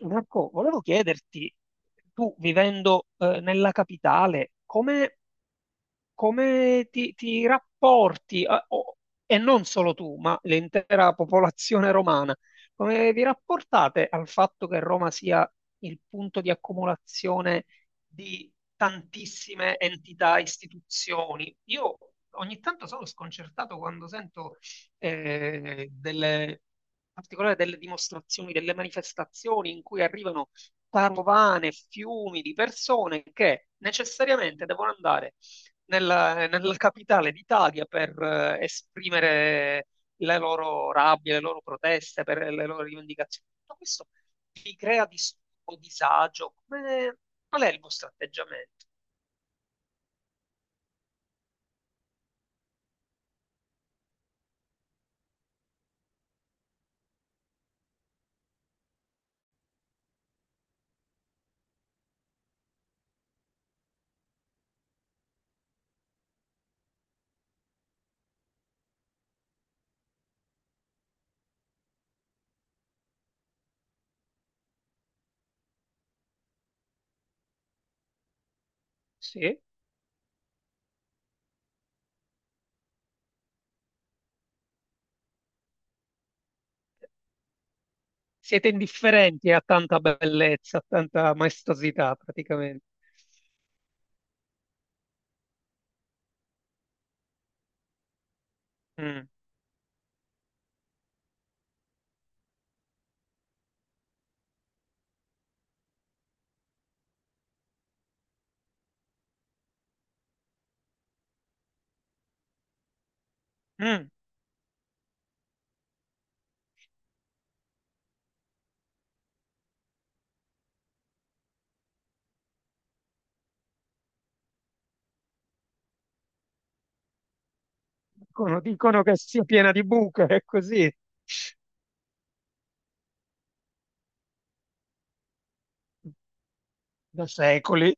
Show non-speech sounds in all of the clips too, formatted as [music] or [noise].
Marco, volevo chiederti, tu vivendo nella capitale, come ti rapporti, e non solo tu, ma l'intera popolazione romana, come vi rapportate al fatto che Roma sia il punto di accumulazione di tantissime entità, istituzioni? Io ogni tanto sono sconcertato quando sento in particolare delle dimostrazioni, delle manifestazioni in cui arrivano carovane, fiumi di persone che necessariamente devono andare nella capitale d'Italia per esprimere le loro rabbie, le loro proteste, per le loro rivendicazioni. Tutto questo vi crea disturbo, disagio. Qual è il vostro atteggiamento? Sì. Siete indifferenti a tanta bellezza, a tanta maestosità, praticamente. Mm. Mm. Dicono, dicono che sia piena di buche, è così, da secoli.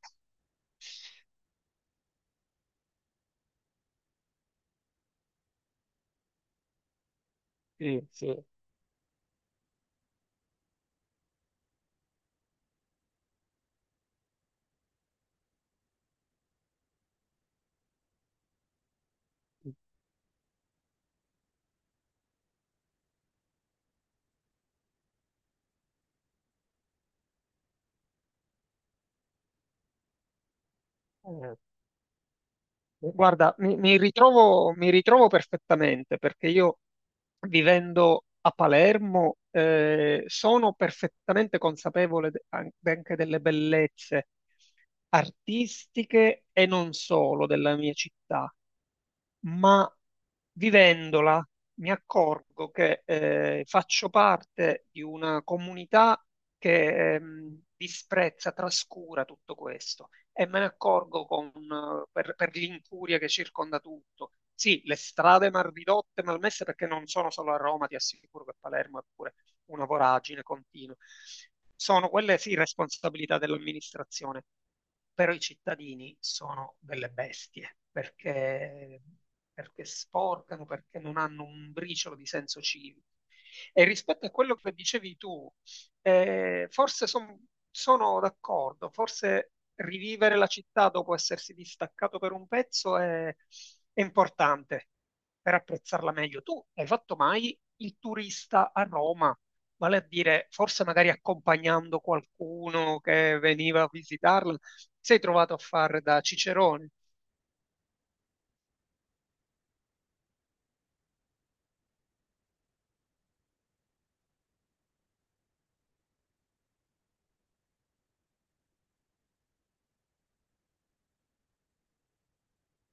Sì, sì. Eh, guarda, mi ritrovo perfettamente perché io vivendo a Palermo sono perfettamente consapevole anche delle bellezze artistiche e non solo della mia città, ma vivendola mi accorgo che faccio parte di una comunità che disprezza, trascura tutto questo e me ne accorgo con, per l'incuria che circonda tutto. Sì, le strade mal ridotte, malmesse, perché non sono solo a Roma, ti assicuro che Palermo è pure una voragine continua. Sono quelle sì responsabilità dell'amministrazione, però i cittadini sono delle bestie, perché, perché sporcano, perché non hanno un briciolo di senso civico. E rispetto a quello che dicevi tu, forse son- sono d'accordo, forse rivivere la città dopo essersi distaccato per un pezzo è importante per apprezzarla meglio. Tu hai fatto mai il turista a Roma? Vale a dire, forse magari accompagnando qualcuno che veniva a visitarla, sei trovato a fare da cicerone.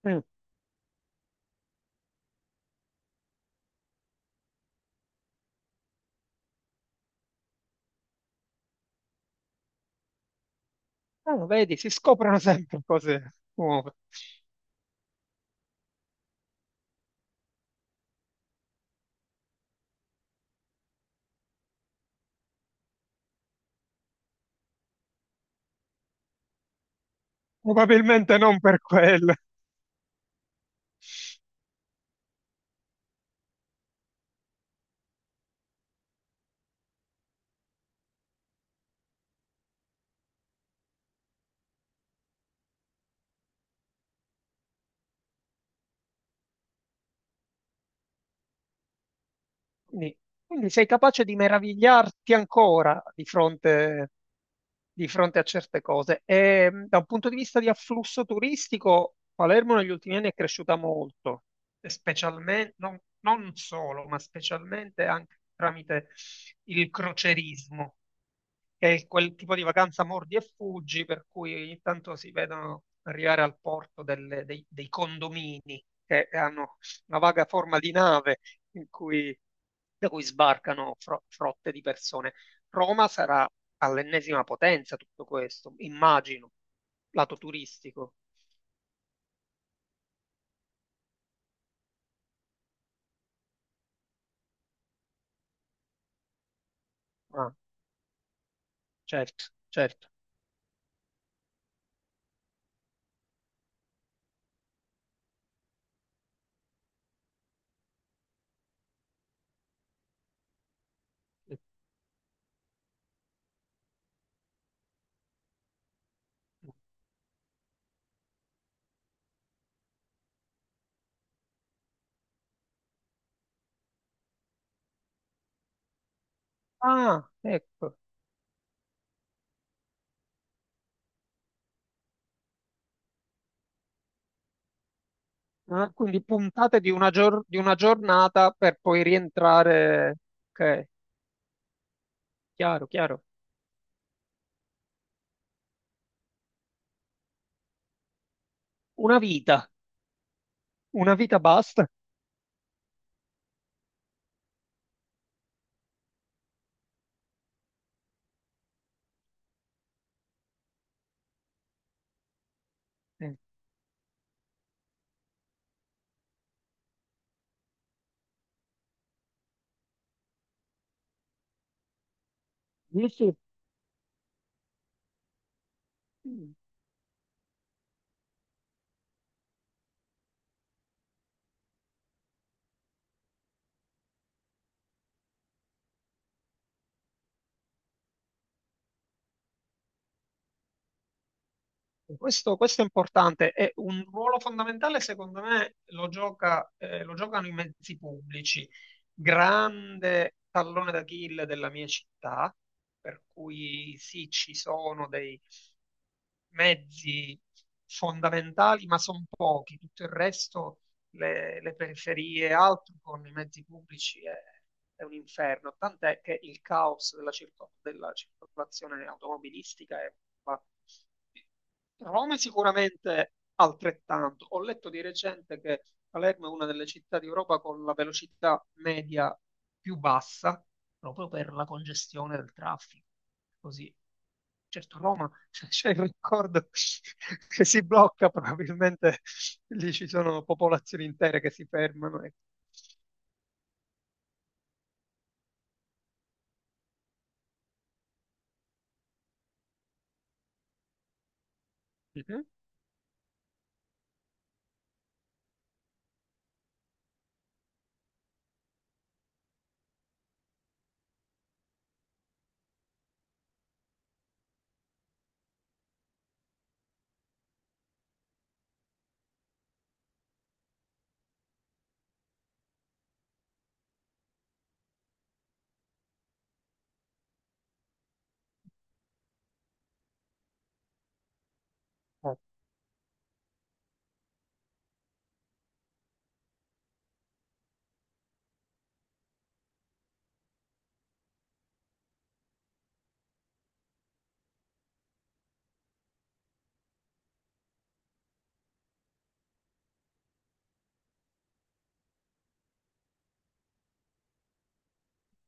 Mm. Ah, vedi, si scoprono sempre cose nuove. Probabilmente non per quello. Quindi, quindi sei capace di meravigliarti ancora di fronte a certe cose. E da un punto di vista di afflusso turistico, Palermo negli ultimi anni è cresciuta molto, e specialmente, non, non solo, ma specialmente anche tramite il crocerismo è quel tipo di vacanza mordi e fuggi, per cui ogni tanto si vedono arrivare al porto dei condomini che hanno una vaga forma di nave in cui, da cui sbarcano frotte di persone. Roma sarà all'ennesima potenza tutto questo, immagino, lato turistico. Ah, certo, certo. Ah, ecco. Ah, quindi puntate di una, di una giornata per poi rientrare. Ok, chiaro, chiaro. Una vita, una vita basta. Eh, dici? Mm. Questo è importante, è un ruolo fondamentale secondo me lo lo giocano i mezzi pubblici, grande tallone d'Achille della mia città, per cui sì, ci sono dei mezzi fondamentali, ma sono pochi, tutto il resto le periferie e altro con i mezzi pubblici è un inferno, tant'è che il caos della circolazione automobilistica è... ma- Roma è sicuramente altrettanto. Ho letto di recente che Palermo è una delle città d'Europa con la velocità media più bassa, proprio per la congestione del traffico. Così. Certo, Roma [laughs] c'è il record che si blocca probabilmente. Lì ci sono popolazioni intere che si fermano e...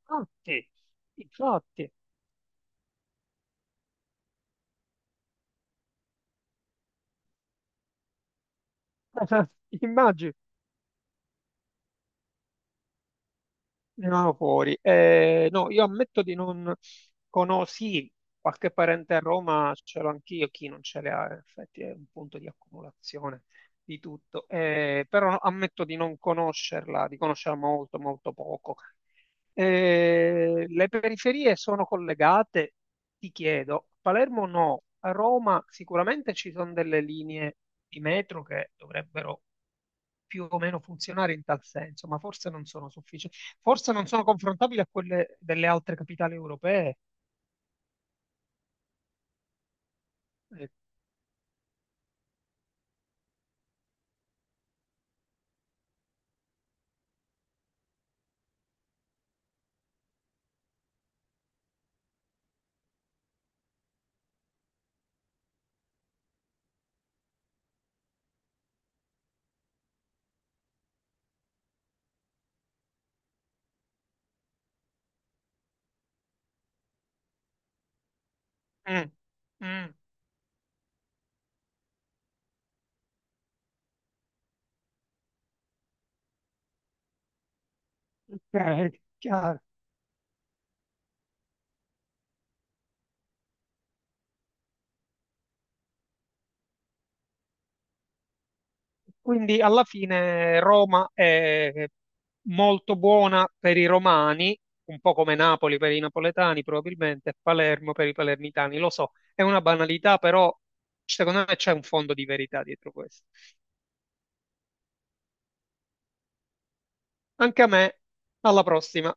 Infatti, infatti, [laughs] immagino venivano fuori. No, io ammetto di non conosci qualche parente a Roma, ce l'ho anch'io, chi non ce l'ha, in effetti è un punto di accumulazione di tutto. Però ammetto di non conoscerla, di conoscerla molto, molto poco. Le periferie sono collegate? Ti chiedo. A Palermo no, a Roma sicuramente ci sono delle linee di metro che dovrebbero più o meno funzionare in tal senso, ma forse non sono sufficienti, forse non sono confrontabili a quelle delle altre capitali europee. Eh, mm, mm, ok, chiaro. Quindi alla fine Roma è molto buona per i romani, un po' come Napoli per i napoletani probabilmente, e Palermo per i palermitani. Lo so, è una banalità, però secondo me c'è un fondo di verità dietro questo. Anche a me, alla prossima.